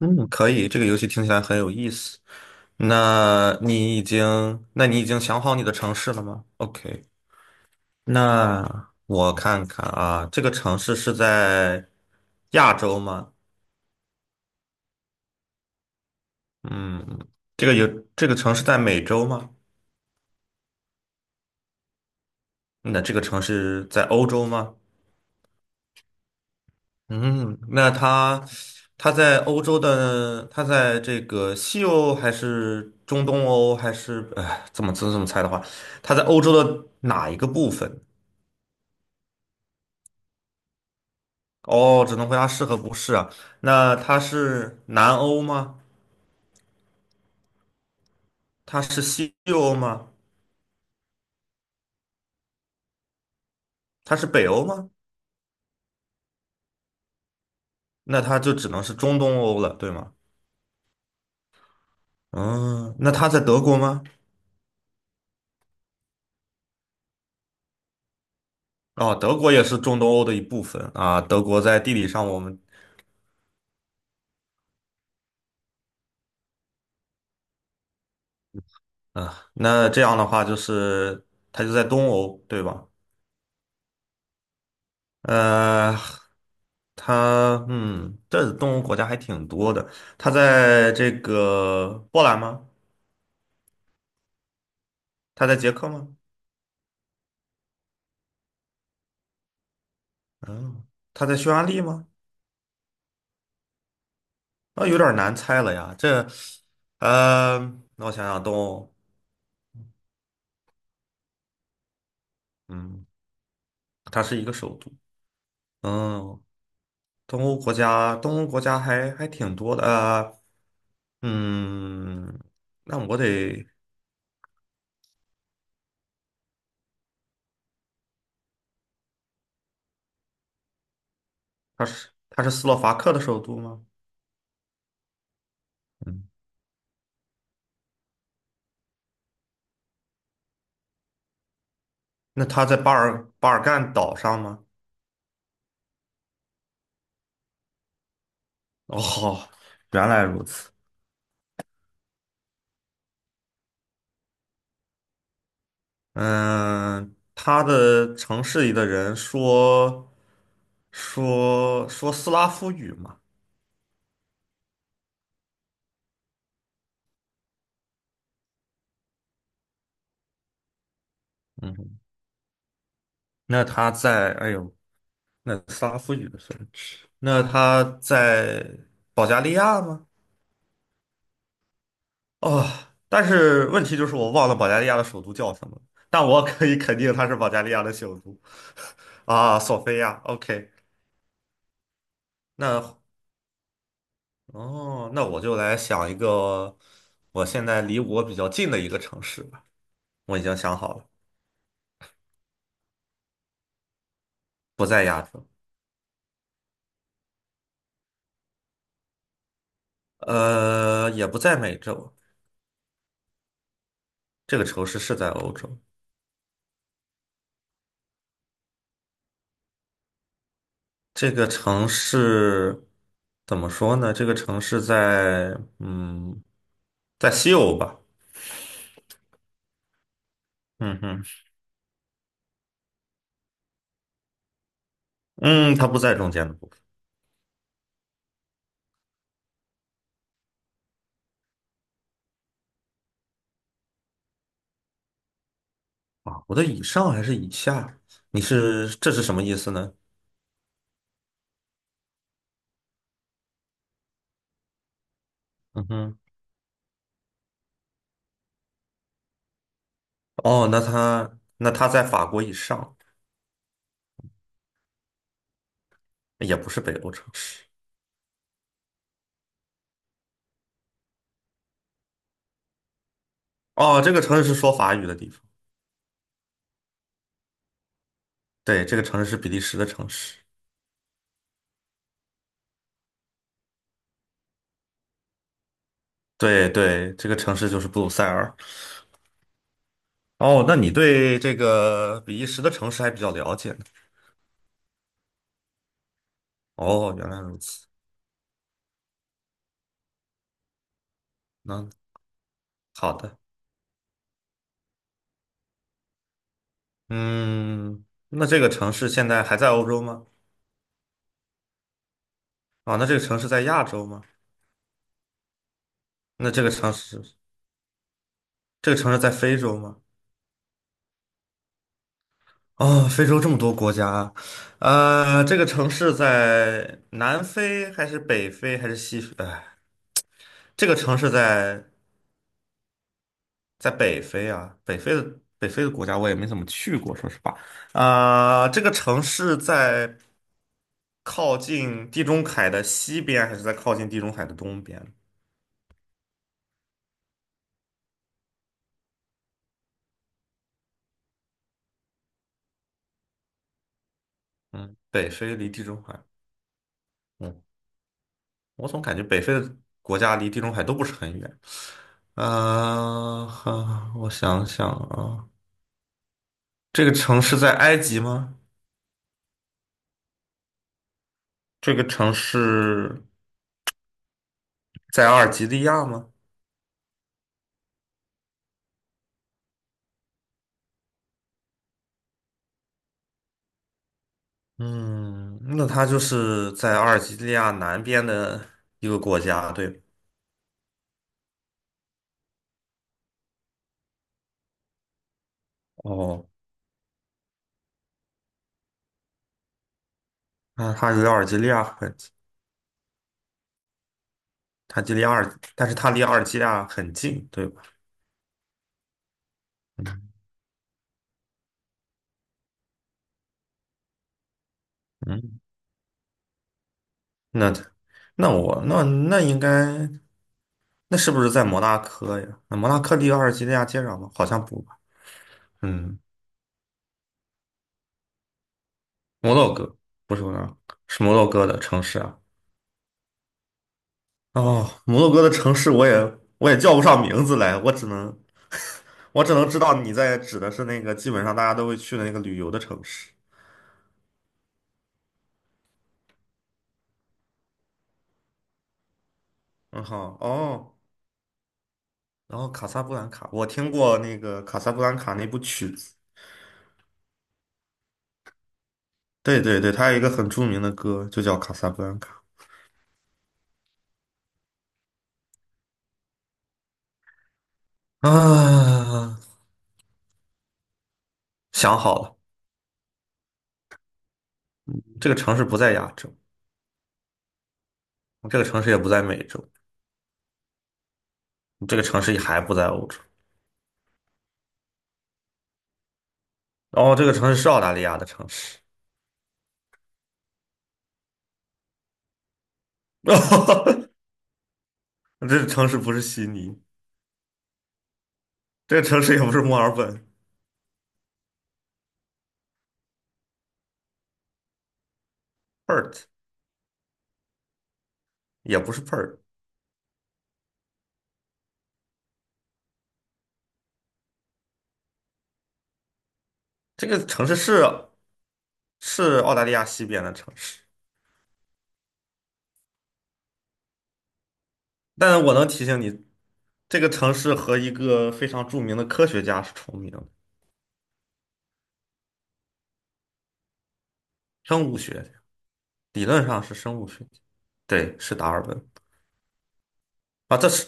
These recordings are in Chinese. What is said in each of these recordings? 嗯，可以，这个游戏听起来很有意思。那你已经想好你的城市了吗？OK，那我看看啊，这个城市是在亚洲吗？嗯，这个有，这个城市在美洲吗？那这个城市在欧洲吗？嗯，它在这个西欧还是中东欧还是，哎，怎么猜的话，它在欧洲的哪一个部分？哦，只能回答是和不是啊。那它是南欧吗？它是西欧吗？它是北欧吗？那它就只能是中东欧了，对吗？嗯，那它在德国吗？哦，德国也是中东欧的一部分啊。德国在地理上，我们啊，那这样的话就是它就在东欧，对吧？呃，这东欧国家还挺多的。它在这个波兰吗？它在捷克吗？嗯，它在匈牙利吗？那有点难猜了呀。呃，那我想想，东欧，嗯，它是一个首都。嗯，东欧国家还挺多的。嗯，那我得，它是斯洛伐克的首都吗？嗯，那它在巴尔干岛上吗？哦，原来如此。嗯，它的城市里的人说斯拉夫语嘛。嗯哼，那他在，哎呦，那斯拉夫语的算是，那他在保加利亚吗？哦，但是问题就是我忘了保加利亚的首都叫什么，但我可以肯定它是保加利亚的首都啊，索菲亚。OK，那哦，那我就来想一个我现在离我比较近的一个城市吧，我已经想好了，不在亚洲，也不在美洲，这个城市是在欧洲，这个城市怎么说呢？这个城市在西欧吧，嗯哼，嗯，它不在中间的部分啊。我的以上还是以下？这是什么意思呢？嗯哼，哦，那它在法国以上，也不是北欧城市。哦，这个城市是说法语的地方。对，这个城市是比利时的城市。对对，这个城市就是布鲁塞尔。哦，那你对这个比利时的城市还比较了解呢。哦，原来如此。嗯，好的，嗯，那这个城市现在还在欧洲吗？啊，那这个城市在亚洲吗？那这个城市，这个城市在非洲吗？哦，非洲这么多国家啊，这个城市在南非还是北非还是西非？哎，这个城市在北非啊，北非的国家我也没怎么去过，说实话。啊，这个城市在靠近地中海的西边，还是在靠近地中海的东边？嗯，北非离地中海，嗯，我总感觉北非的国家离地中海都不是很远。啊、哈，我想想啊，这个城市在埃及吗？这个城市在阿尔及利亚吗？嗯，那它就是在阿尔及利亚南边的一个国家，对吧？哦，那它离阿尔及利亚很近，它距离阿尔，但是它离阿尔及利亚很近，对吧？嗯嗯，那那我那那应该。那是不是在摩纳哥呀？那摩纳哥离阿尔及利亚接壤吗？好像不吧。嗯，摩洛哥不是摩纳哥，是摩洛哥的城市啊。哦，摩洛哥的城市我也叫不上名字来，我只能知道你在指的是那个基本上大家都会去的那个旅游的城市。嗯好，哦，然后卡萨布兰卡，我听过那个卡萨布兰卡那部曲子。对对对，它有一个很著名的歌，就叫《卡萨布兰卡》啊。想好了，这个城市不在亚洲，这个城市也不在美洲，这个城市还不在欧洲，然后这个城市是澳大利亚的城市。哦，这个城市不是悉尼，这个城市也不是墨尔本，Perth 也不是 Perth，这个城市是澳大利亚西边的城市，但我能提醒你，这个城市和一个非常著名的科学家是重名的，生物学家理论上是生物学家，对，是达尔文啊。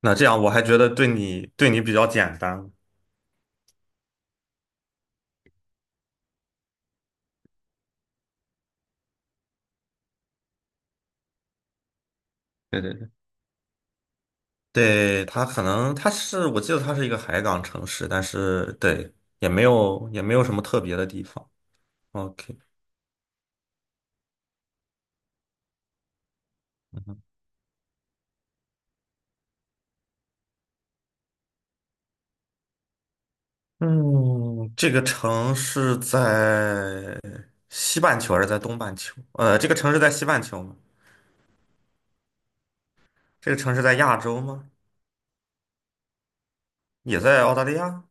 那这样我还觉得对你比较简单，对对对对，它可能是，我记得它是一个海港城市，但是对，也没有什么特别的地方。OK，嗯嗯，这个城市在西半球还是在东半球？这个城市在西半球吗？这个城市在亚洲吗？也在澳大利亚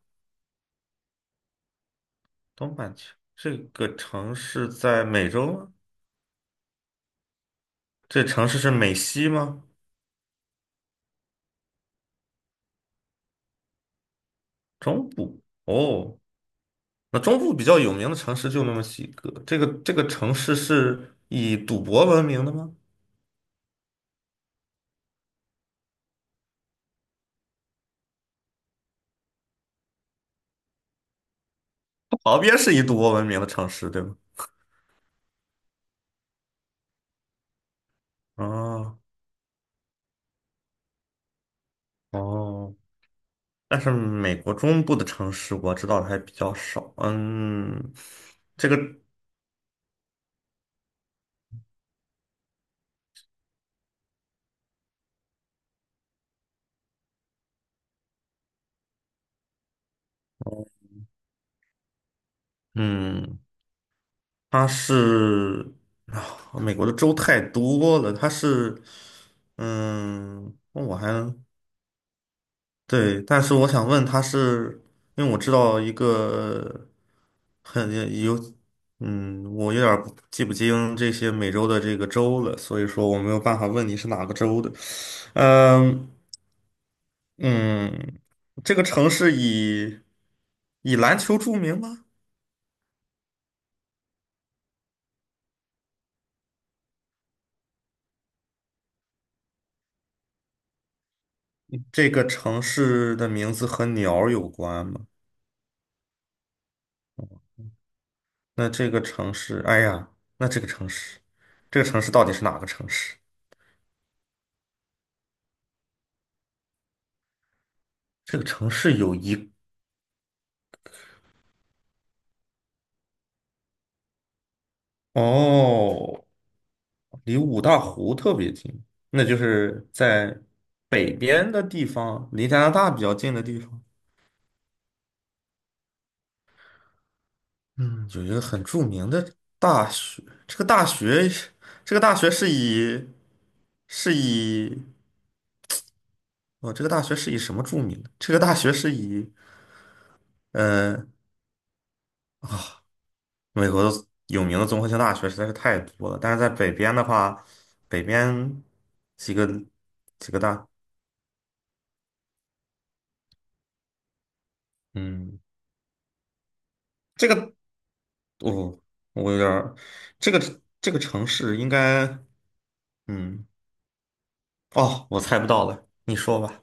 东半球。这个城市在美洲吗？这城市是美西吗？中部。哦，那中部比较有名的城市就那么几个。这个城市是以赌博闻名的吗？它旁边是以赌博闻名的城市，对吗？哦哦，但是美国中部的城市我知道的还比较少。嗯，这个，嗯，它是啊美国的州太多了，它是，我还对，但是我想问他是，因为我知道一个很有，我有点儿不记不清这些美洲的这个州了，所以说我没有办法问你是哪个州的。嗯嗯，这个城市以篮球著名吗？这个城市的名字和鸟儿有关吗？那这个城市，哎呀，那这个城市，这个城市到底是哪个城市？这个城市有一，哦。离五大湖特别近，那就是在北边的地方，离加拿大比较近的地方。嗯，有一个很著名的大学，这个大学，这个大学是以是以哦，这个大学是以什么著名的？这个大学是以呃，美国的有名的综合性大学实在是太多了，但是在北边的话，北边几个几个大，嗯。这个哦，我有点儿，这个这个城市应该，嗯，哦，我猜不到了，你说吧。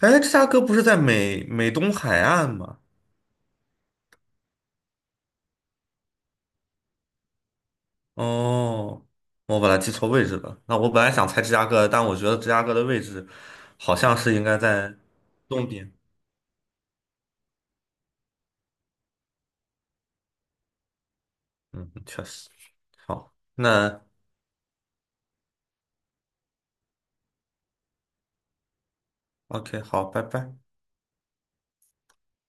哎，芝加哥不是在美东海岸吗？哦，我本来记错位置了。那我本来想猜芝加哥，但我觉得芝加哥的位置好像是应该在东边。嗯，确实。好，那 OK，好，拜拜。